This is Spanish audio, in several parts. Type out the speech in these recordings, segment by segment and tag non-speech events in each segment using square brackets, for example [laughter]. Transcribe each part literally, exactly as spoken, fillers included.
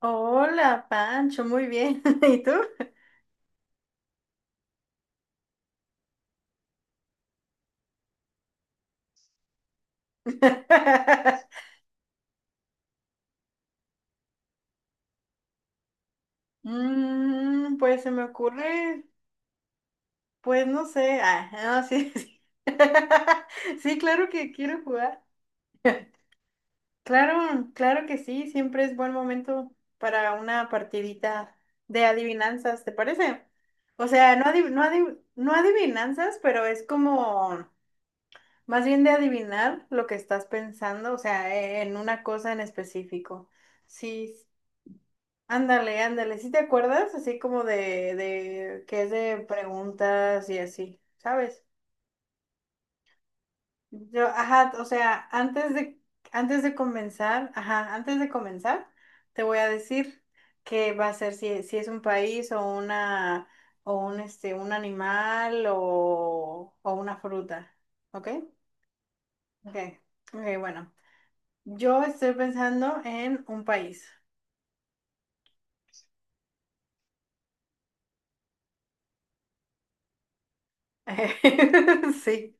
Hola, Pancho, muy bien. [laughs] ¿Y tú? [laughs] Mm, pues se me ocurre, pues no sé. Ah, no, sí, sí. [laughs] Sí, claro que quiero jugar. Claro, claro que sí, siempre es buen momento para una partidita de adivinanzas, ¿te parece? O sea, no, adiv- no, adiv- no adivinanzas, pero es como más bien de adivinar lo que estás pensando, o sea, e- en una cosa en específico. Sí. Ándale, ándale, ¿sí te acuerdas? Así como de, de que es de preguntas y así, ¿sabes? Yo, ajá, o sea, antes de, antes de comenzar, ajá, antes de comenzar, te voy a decir qué va a ser si, si es un país o una, o un, este, un animal o, o una fruta, ¿ok? Ok, ok, bueno, yo estoy pensando en un país. [laughs] Sí.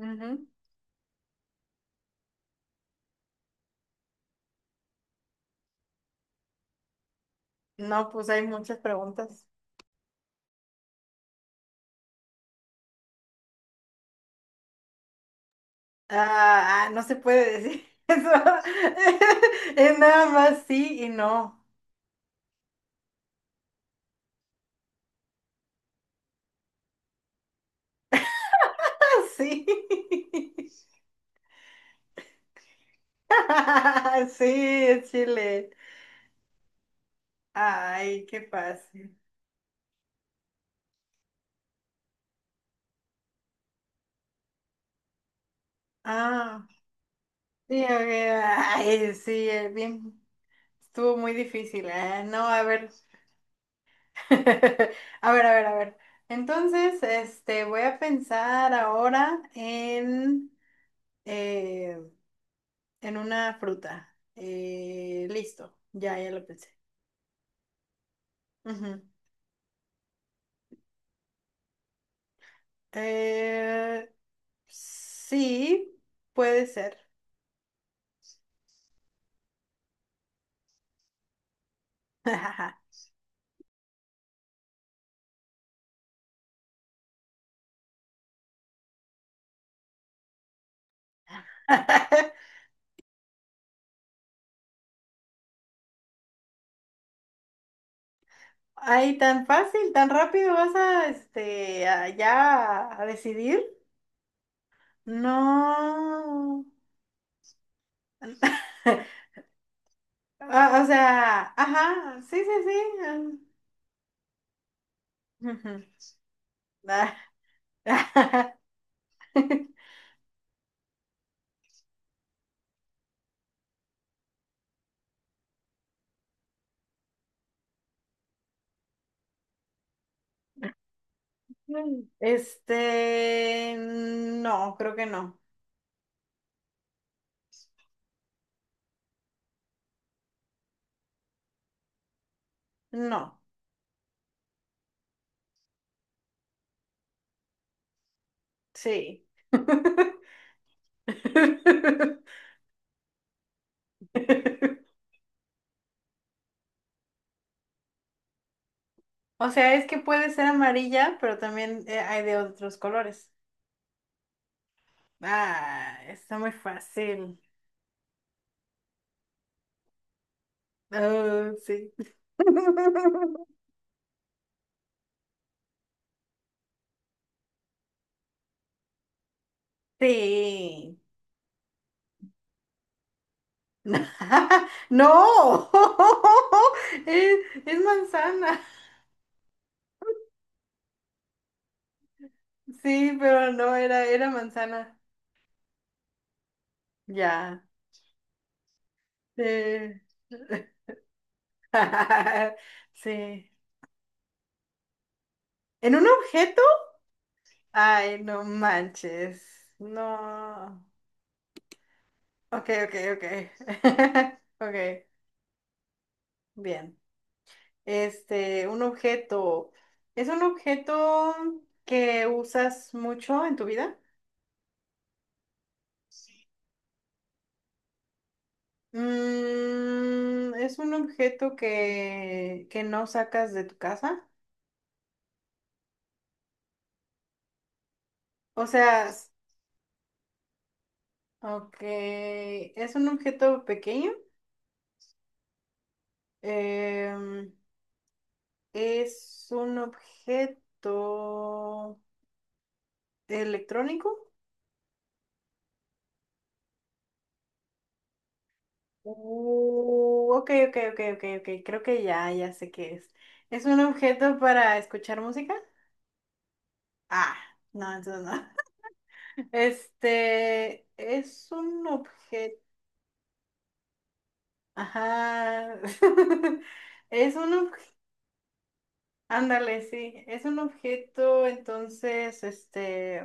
Ujú. No, pues hay muchas preguntas. Ah, ah, no se puede decir [laughs] eso. [laughs] Es nada más sí y no. [laughs] Sí. [laughs] Sí, es Chile. Ay, qué fácil. Ah, sí, a ver. Ay, sí, eh, bien. Estuvo muy difícil. Ah, no, a ver. [laughs] A ver, a ver, a ver. Entonces, este, voy a pensar ahora en, eh, en una fruta. Eh, listo, ya, ya lo pensé. Eh, sí, puede ser. [laughs] Ay, tan fácil, tan rápido vas a, este, a- ya a decidir. No. [laughs] Ah, o sea, ajá, sí, sí, sí. Ujú. Ah, [laughs] Este, no, creo que no. No, sí. [laughs] O sea, es que puede ser amarilla, pero también eh, hay de otros colores. Ah, está muy fácil. Ah, sí. [laughs] Sí. [laughs] No. [laughs] Es, es manzana. Sí, pero no, era, era manzana. Ya. Sí. [laughs] Sí. ¿En un objeto? Ay, no manches. No. Ok, ok, ok. [laughs] Ok, bien. Este, un objeto. ¿Es un objeto que usas mucho en tu vida? Mm, ¿es un objeto que, que no sacas de tu casa? O sea, s- ok, ¿es un objeto pequeño? Em, ¿Es un objeto electrónico? Uh, ok, ok, ok, ok, ok, creo que ya, ya sé qué es. ¿Es un objeto para escuchar música? Ah, no, entonces no. [laughs] Este es un objeto. Ajá. [laughs] Es un objeto. Ándale, sí. Es un objeto, entonces, este.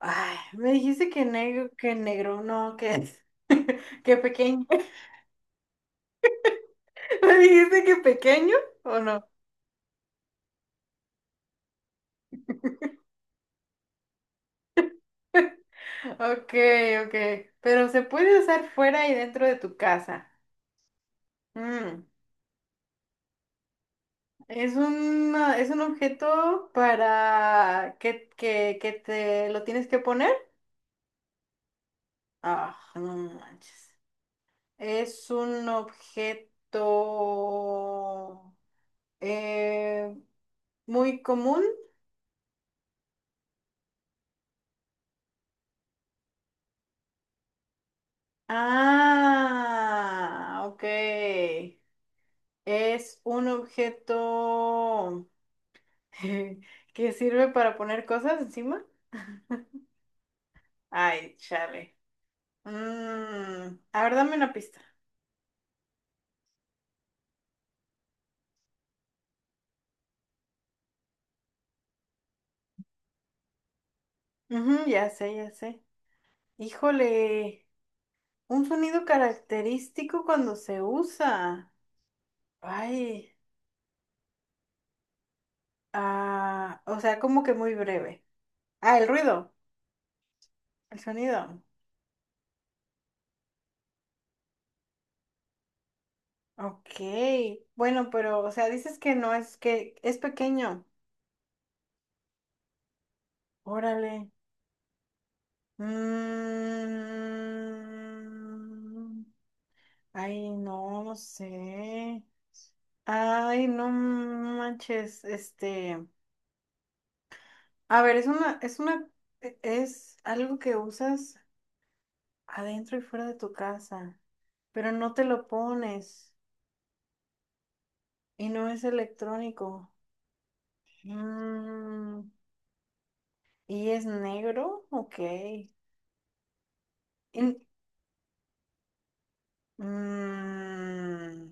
Ay, me dijiste que negro, que negro, no, que es, [laughs] que pequeño. [laughs] ¿Me dijiste que pequeño o no? Ok, ok. Pero se puede usar fuera y dentro de tu casa. Mm. Es un, es un objeto para que, que, que te lo tienes que poner. Ah, no manches. Es un objeto eh, muy común. Ah, ok. Es un objeto [laughs] que sirve para poner cosas encima. Ay, chale. Mm, a ver, dame una pista. Ujú, ya sé, ya sé. Híjole, un sonido característico cuando se usa. Ay, ah, o sea, como que muy breve. Ah, el ruido, el sonido. Ok, bueno, pero, o sea, dices que no es que es pequeño. Órale. Mm, Ay, no, no sé. Ay, no manches, este. A ver, es una, es una, e, es algo que usas. Adentro y fuera de tu casa, pero no te lo pones y no es electrónico. Mm, ¿Y es negro? Ok. En- mm,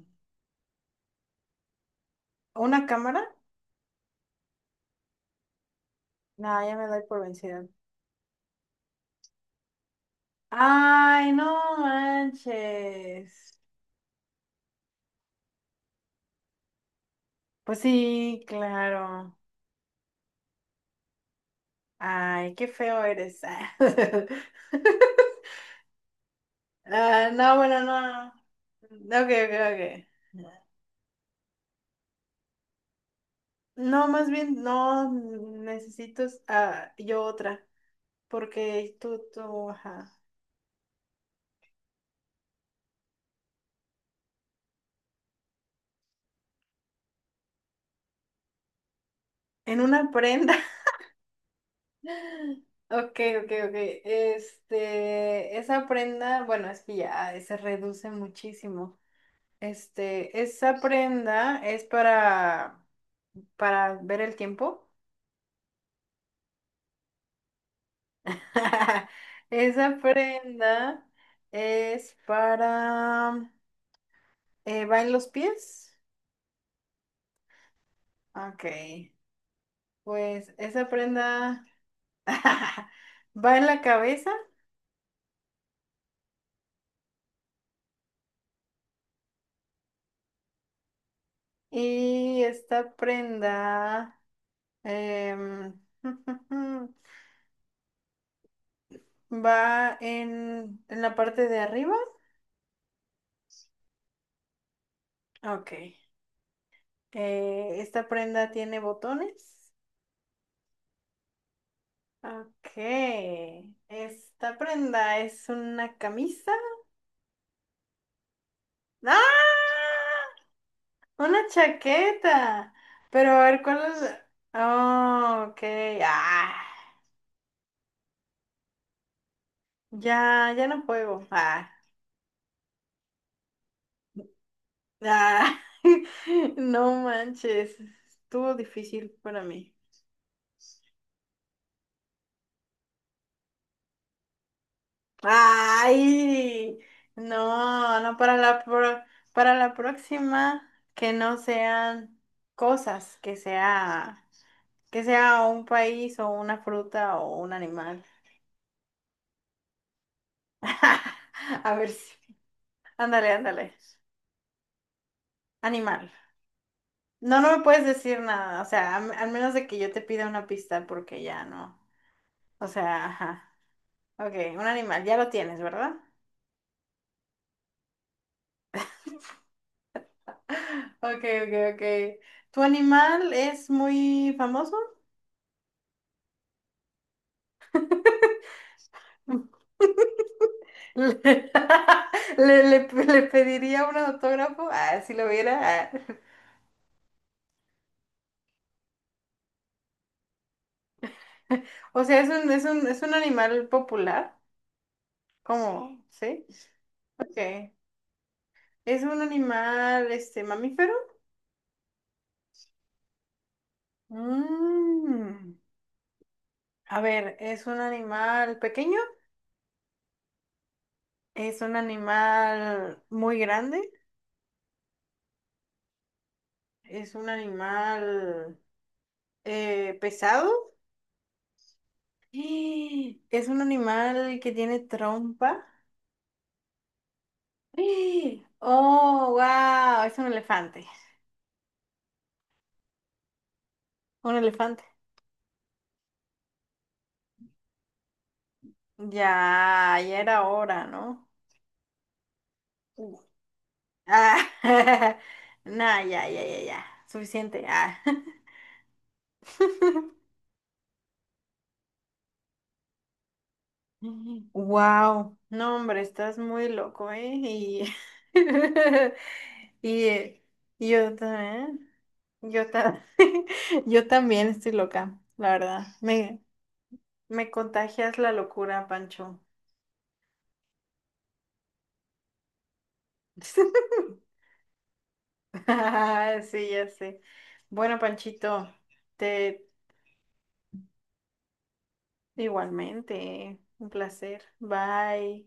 ¿Una cámara? No, ya me doy por vencida. Ay, no manches. Pues sí, claro. Ay, qué feo eres. [laughs] Ah, no, bueno, no. Ok, ok, ok. No, más bien, no, necesito ah, yo otra, porque tú, tú, ajá, en una prenda. [laughs] Ok, ok, ok. Este, esa prenda, bueno, es que ya se reduce muchísimo. Este, esa prenda es para, para ver el tiempo. [laughs] Esa prenda es para, eh, ¿va en los pies? Ok, pues esa prenda... [laughs] Va en la cabeza y esta prenda em, [laughs] va en, en la parte de arriba. Ok. Eh, esta prenda tiene botones. Ok. Esta prenda es una camisa. ¡Ah! Una chaqueta. Pero a ver, ¿cuál es? la- Oh, ok. Ah, ya, ya no juego. Ah. Ah, [laughs] no manches, estuvo difícil para mí. Ay, no, no para la pro- para la próxima que no sean cosas, que sea que sea un país o una fruta o un animal. [laughs] A ver si. Ándale, ándale. Animal. No, no me puedes decir nada, o sea, al al menos de que yo te pida una pista porque ya no. O sea, ajá. Ok, un animal, ya lo tienes, ¿verdad? Ok, ok, ok. ¿Tu animal es muy famoso? [laughs] ¿Le, le- le- le pediría un autógrafo? Ah, si lo viera. ah. O sea, es un, es un, es un animal popular. ¿Cómo? ¿Sí? Ok. ¿Es un animal, este, mamífero? Mm. A ver, ¿es un animal pequeño? ¿Es un animal muy grande? ¿Es un animal eh, pesado? ¡Eh! Es un animal que tiene trompa. ¡Eh! Oh, wow, es un elefante. Un elefante. Ya, ya era hora, ¿no? Uh. Ah, [laughs] nah, ya, ya, ya, ya. Suficiente. Ah. [laughs] Wow. No, hombre, estás muy loco, ¿eh? Y, [laughs] y eh, yo también. Yo, ta- [laughs] yo también estoy loca, la verdad. Me, Me contagias la locura, Pancho. [laughs] Ah, Sí, ya sé. Bueno, Panchito, te igualmente, un placer. Bye.